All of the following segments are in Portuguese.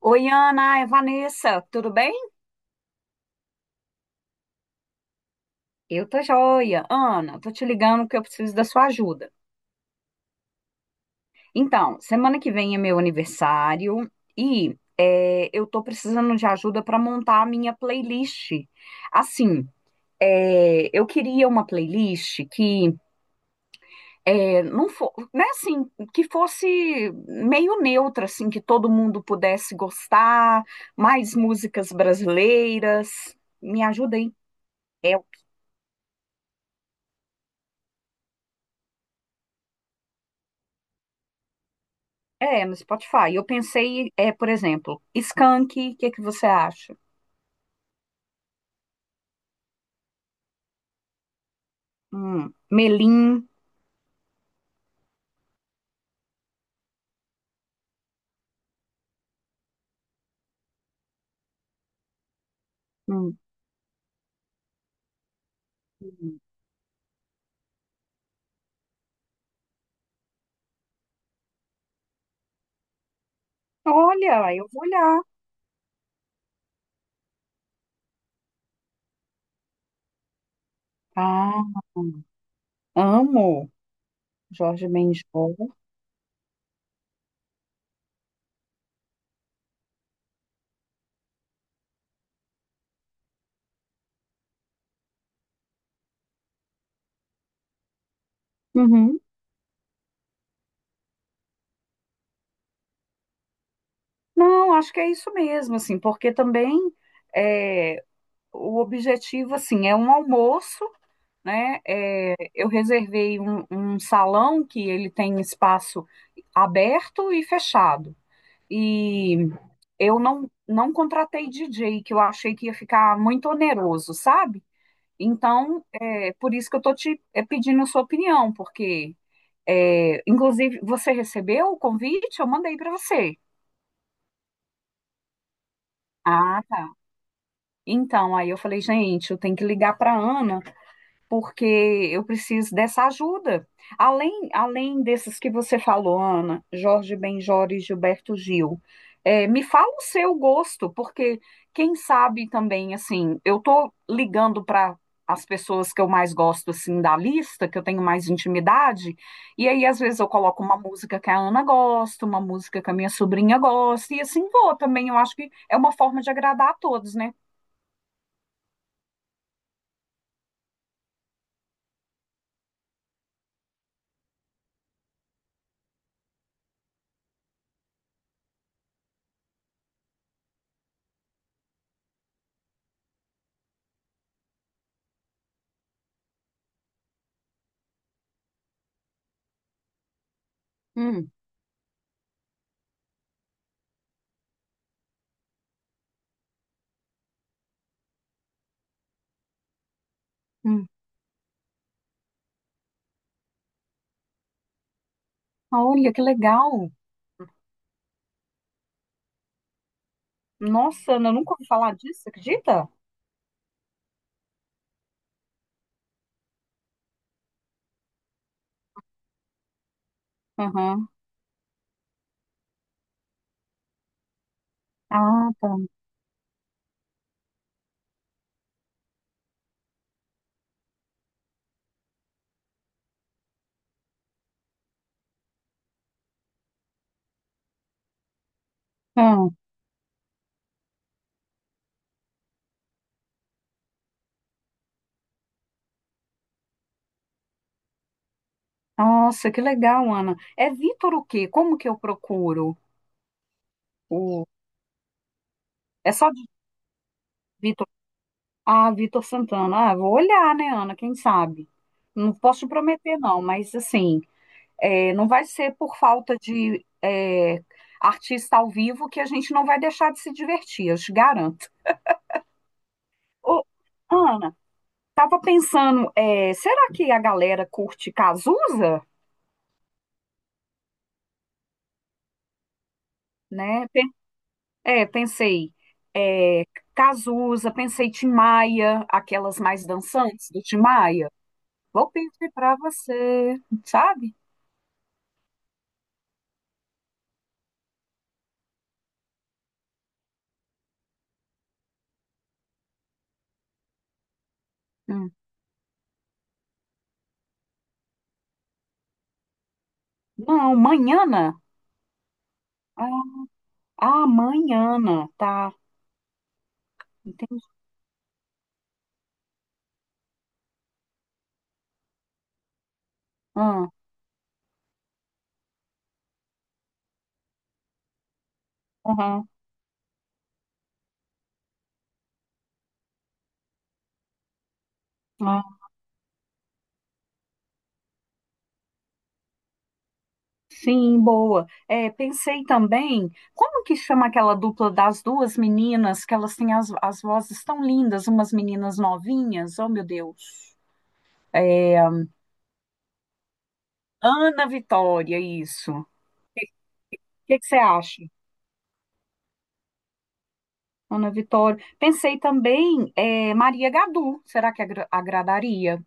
Oi, Ana, é Vanessa, tudo bem? Eu tô joia. Ana, tô te ligando porque eu preciso da sua ajuda. Então, semana que vem é meu aniversário e eu tô precisando de ajuda para montar a minha playlist. Assim, eu queria uma playlist que não for, né, assim, que fosse meio neutra, assim, que todo mundo pudesse gostar, mais músicas brasileiras. Me ajuda aí. É, é, no Spotify. Eu pensei, por exemplo, Skank, o que é que você acha? Melim. Hum. Hum. Olha, eu vou olhar. Ah, amo Jorge Benjol. Uhum. Não, acho que é isso mesmo, assim, porque também é, o objetivo, assim, é um almoço, né? Eu reservei um salão que ele tem espaço aberto e fechado. E eu não contratei DJ, que eu achei que ia ficar muito oneroso, sabe? Então, é por isso que eu tô te pedindo a sua opinião, porque, inclusive, você recebeu o convite? Eu mandei para você. Ah, tá. Então, aí eu falei, gente, eu tenho que ligar para Ana porque eu preciso dessa ajuda. Além desses que você falou, Ana, Jorge Benjor e Gilberto Gil, me fala o seu gosto, porque quem sabe também, assim, eu tô ligando para as pessoas que eu mais gosto, assim, da lista, que eu tenho mais intimidade, e aí às vezes eu coloco uma música que a Ana gosta, uma música que a minha sobrinha gosta, e assim vou também, eu acho que é uma forma de agradar a todos, né? Hum. Hum. Olha, que legal. Nossa, Ana, eu nunca ouvi falar disso, acredita? Aham. Ah, tá. Ah, nossa, que legal, Ana. É Vitor o quê? Como que eu procuro? O... É só de Vitor. Ah, Vitor Santana. Ah, vou olhar, né, Ana? Quem sabe? Não posso te prometer, não, mas assim, não vai ser por falta de artista ao vivo que a gente não vai deixar de se divertir, eu te garanto. Ô, Ana, tava pensando, será que a galera curte Cazuza? Né? Pensei, é, Cazuza, pensei Tim Maia, aquelas mais dançantes do Tim Maia. Vou pedir pra você, sabe? Hum. Não, Manhana. Ah, ah, Manhana, tá. Entendi. Ah, aham, ah, sim, boa. Pensei também, como que chama aquela dupla das duas meninas, que elas têm as vozes tão lindas, umas meninas novinhas, oh meu Deus. É, Ana Vitória, isso. O que que você acha? Ana Vitória. Pensei também, Maria Gadu, será que agradaria?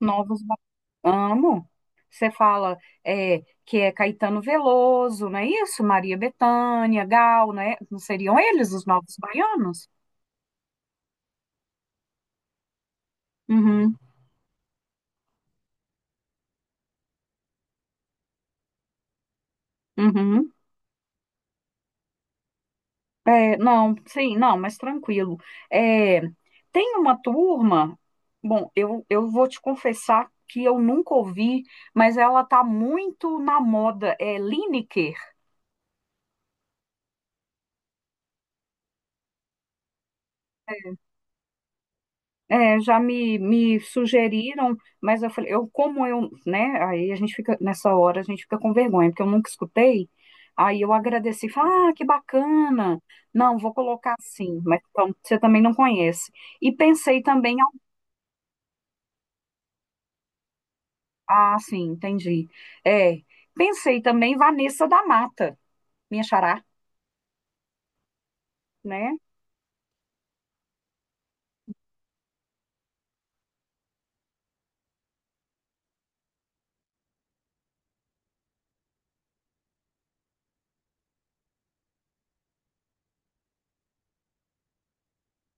Novos. ba- Amo. Você fala que é Caetano Veloso, não é isso? Maria Bethânia, Gal, né? Não seriam eles os novos baianos? Uhum, uhum. É, não, sim, não, mas tranquilo. É, tem uma turma, bom, eu vou te confessar que eu nunca ouvi, mas ela tá muito na moda, é Lineker. Já me sugeriram, mas eu falei, eu como eu, né? Aí a gente fica, nessa hora a gente fica com vergonha, porque eu nunca escutei. Aí eu agradeci, falei, ah, que bacana. Não, vou colocar assim, mas então, você também não conhece. E pensei também, ah, sim, entendi. É, pensei também em Vanessa da Mata, minha xará, né?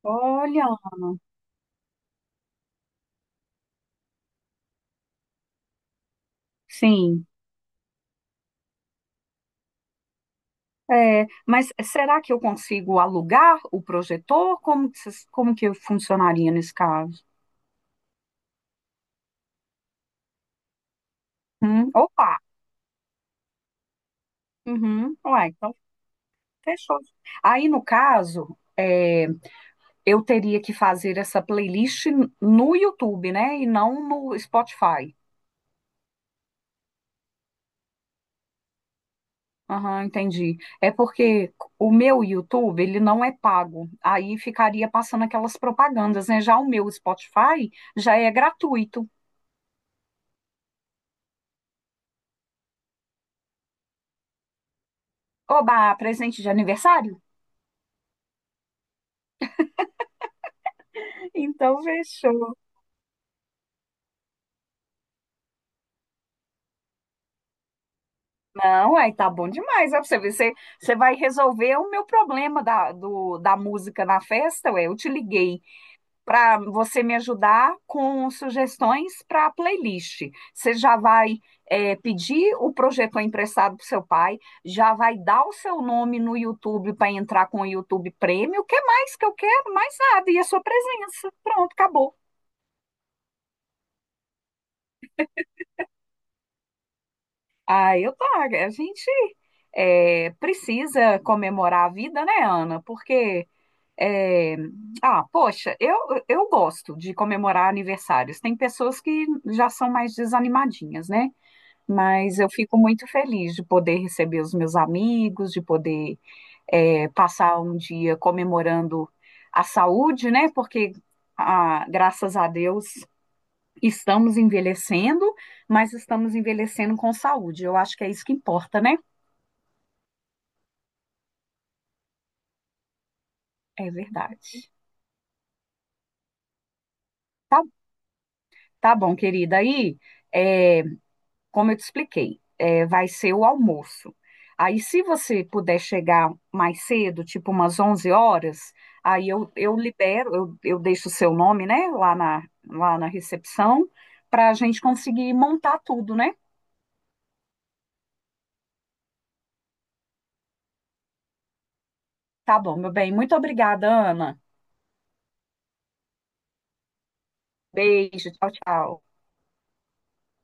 Olha, sim. Mas será que eu consigo alugar o projetor? Como que, como que funcionaria nesse caso? Opa! Uhum. Ué, então fechou. Aí, no caso, eu teria que fazer essa playlist no YouTube, né? E não no Spotify. Aham, entendi. É porque o meu YouTube, ele não é pago. Aí ficaria passando aquelas propagandas, né? Já o meu Spotify já é gratuito. Oba, presente de aniversário? Então fechou. Não, aí tá bom demais. Ó, pra você ver, você vai resolver o meu problema da, do, da música na festa, ué. Eu te liguei para você me ajudar com sugestões para playlist. Você já vai pedir o projetor emprestado pro seu pai, já vai dar o seu nome no YouTube para entrar com o YouTube Premium. O que é mais que eu quero? Mais nada. E a sua presença. Pronto, acabou. Ah, eu tá. A gente precisa comemorar a vida, né, Ana? Porque. É, ah, poxa, eu gosto de comemorar aniversários. Tem pessoas que já são mais desanimadinhas, né? Mas eu fico muito feliz de poder receber os meus amigos, de poder passar um dia comemorando a saúde, né? Porque, ah, graças a Deus, estamos envelhecendo, mas estamos envelhecendo com saúde. Eu acho que é isso que importa, né? É verdade. Tá, tá bom, querida. Aí. é, como eu te expliquei, vai ser o almoço. Aí, se você puder chegar mais cedo, tipo umas 11 horas, aí eu libero, eu deixo o seu nome, né, lá na, recepção, para a gente conseguir montar tudo, né? Tá bom, meu bem. Muito obrigada, Ana. Beijo, tchau, tchau.